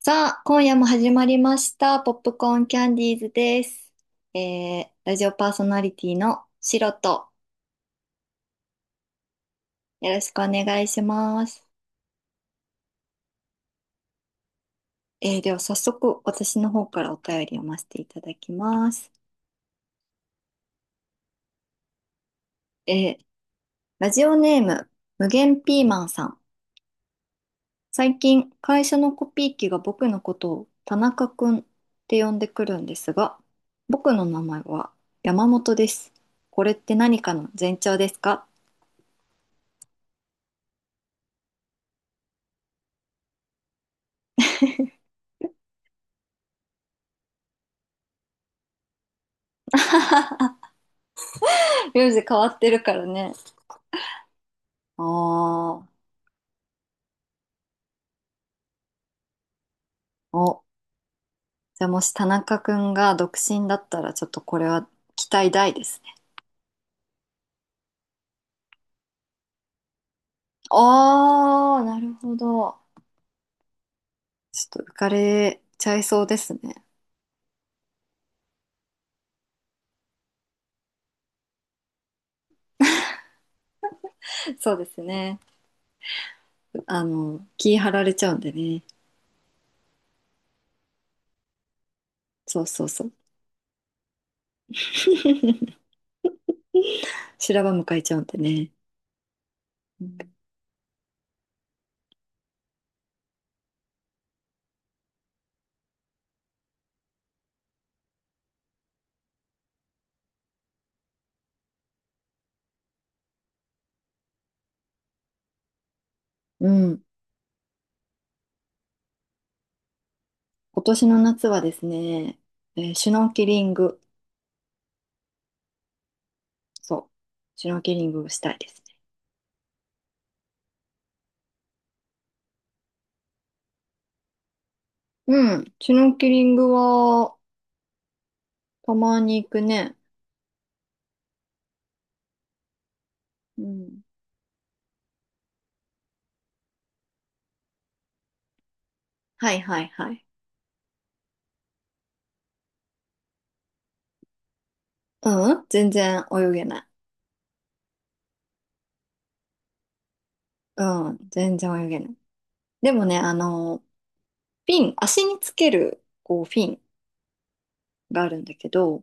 さあ、今夜も始まりました。ポップコーンキャンディーズです。ラジオパーソナリティのシロと、よろしくお願いします。では早速、私の方からお便りを読ませていただきます。えー、ラジオネーム、無限ピーマンさん。最近、会社のコピー機が僕のことを田中くんって呼んでくるんですが、僕の名前は山本です。これって何かの前兆ですか？ 名字変わってるからね。ああ、お、じゃあもし田中くんが独身だったら、ちょっとこれは期待大ですね。ああ、なるほど。ちょっと浮かれちゃいそうですね。そうですね。あの、気張られちゃうんでね。そうそうそう。修羅場迎えちゃうんでね。うん。うん。今年の夏はですね、シュノーケリング。そう。シュノーケリングをしたいですね。うん。シュノーケリングは、たまに行くね。うん。はいはいはい。うん、全然泳げない。うん、全然泳げない。でもね、あの、フィン、足につける、こう、フィンがあるんだけど、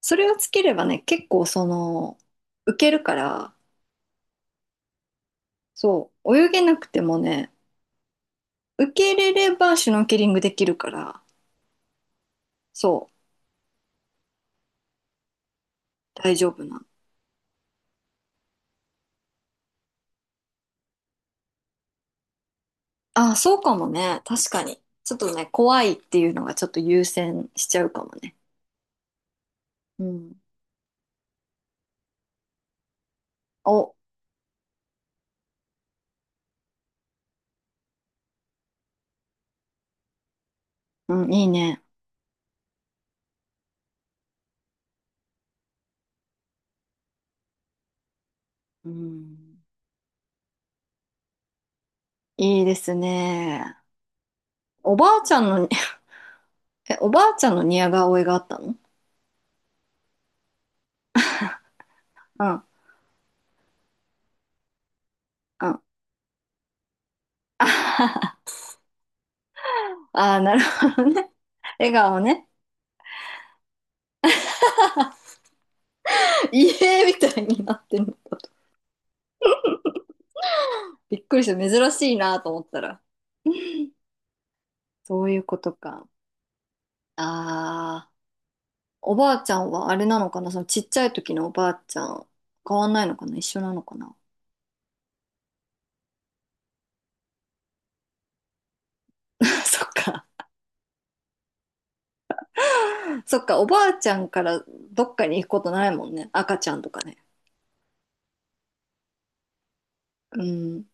それをつければね、結構その、浮けるから、そう、泳げなくてもね、浮けれればシュノーケリングできるから、そう、大丈夫なの？あ、そうかもね、確かに。ちょっとね、怖いっていうのがちょっと優先しちゃうかもね。うん。お、うん、いいね。うん、いいですね。おばあちゃんの、え、おばあちゃんの似顔絵があったの？うん、うん。あ あー、なるほどね。笑顔ね。家みたいになってるのかと。びっくりした。珍しいなと思ったら。そういうことか。ああ、おばあちゃんはあれなのかな、そのちっちゃい時のおばあちゃん、変わんないのかな、一緒なのかな。 そっか。そっか、おばあちゃんからどっかに行くことないもんね。赤ちゃんとかね。うん、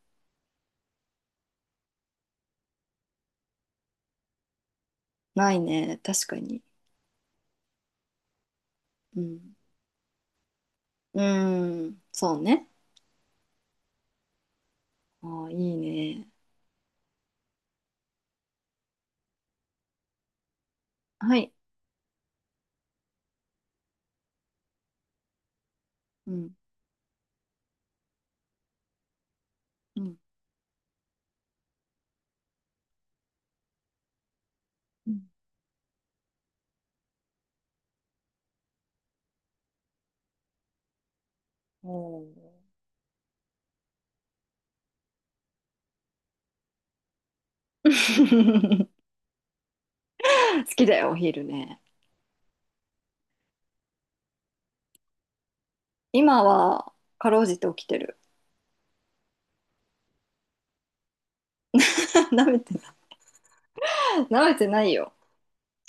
ないね。確かに。うん。うーん、そうね。ああ、いいね。はい。うん、うん。うん。おー 好きだよ、お昼ね。今は、かろうじて起きてる。舐めて、舐めてないよ。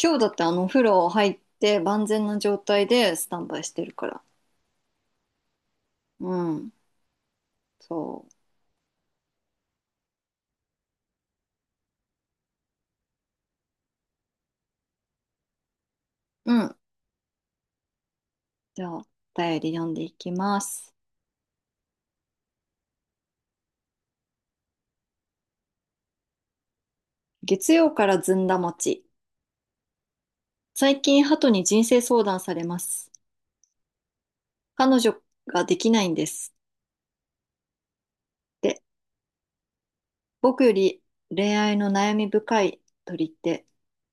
今日だってあの、お風呂入って万全な状態でスタンバイしてるから。うん、そう。うん。じゃあ、お便り読んでいきます。月曜からずんだ餅。最近、鳩に人生相談されます。彼女ができないんです。って僕より恋愛の悩み深い鳥って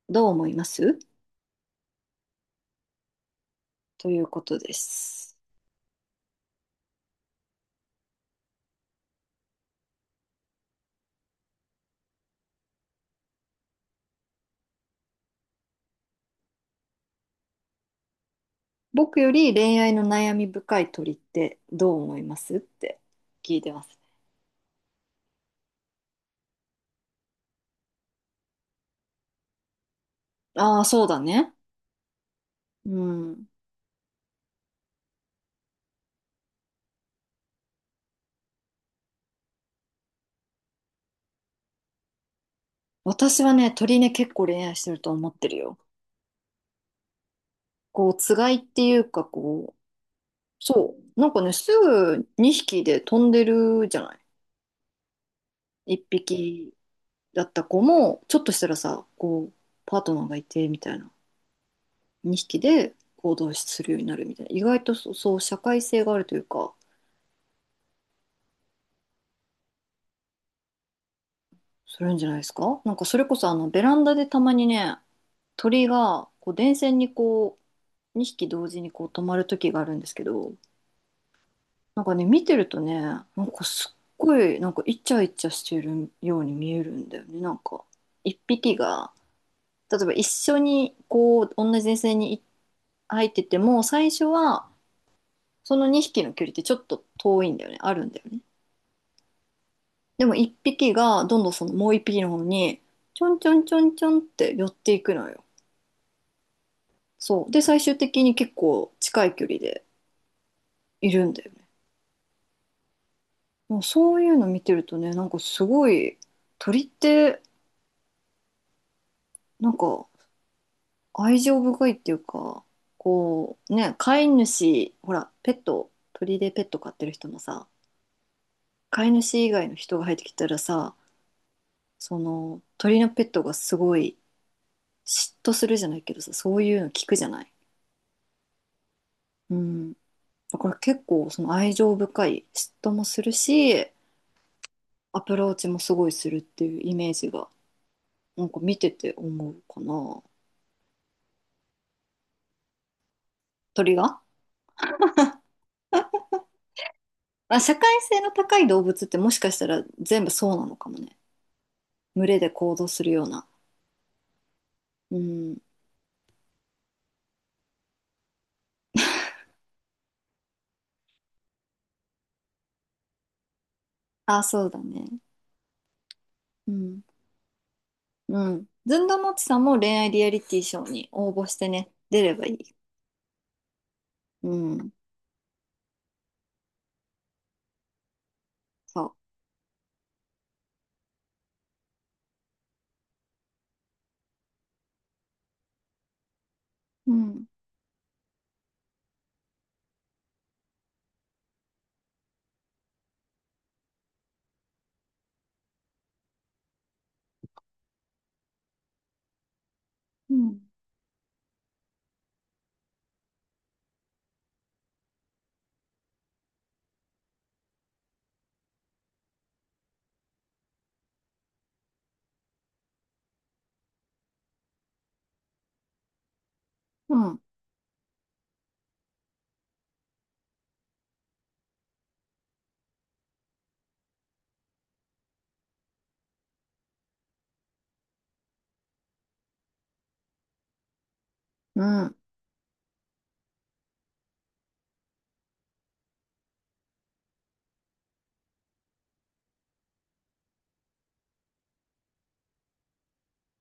どう思いますということです。僕より恋愛の悩み深い鳥ってどう思いますって聞いてます。ああ、そうだね。うん。私はね、鳥ね、結構恋愛してると思ってるよ。こう、つがいっていうか、こう、そう。なんかね、すぐ2匹で飛んでるじゃない。1匹だった子も、ちょっとしたらさ、こう、パートナーがいてみたいな。2匹で行動するようになるみたいな。意外とそうそう社会性があるというか、するんじゃないですか。なんかそれこそあのベランダでたまにね、鳥がこう電線にこう2匹同時にこう止まる時があるんですけど、なんかね、見てるとね、なんかすっごい、なんかイチャイチャしてるように見えるんだよね。なんか1匹が例えば一緒にこう同じ電線に入ってても、最初はその2匹の距離ってちょっと遠いんだよね、あるんだよね。でも一匹がどんどんそのもう一匹の方にちょんちょんちょんちょんって寄っていくのよ。そう。で、最終的に結構近い距離でいるんだよね。もうそういうの見てるとね、なんかすごい鳥ってなんか愛情深いっていうか、こうね、飼い主、ほら、ペット、鳥でペット飼ってる人もさ、飼い主以外の人が入ってきたらさ、その鳥のペットがすごい嫉妬するじゃないけどさ、そういうの聞くじゃない。うん。だから結構その愛情深い、嫉妬もするし、アプローチもすごいするっていうイメージが、なんか見てて思うかな。鳥が。あ、社会性の高い動物ってもしかしたら全部そうなのかもね。群れで行動するような。うん。あ、そうだね。うん。うん。ずんどうもちさんも恋愛リアリティショーに応募してね、出ればいい。うん。そう。うん。うん。うん。うん。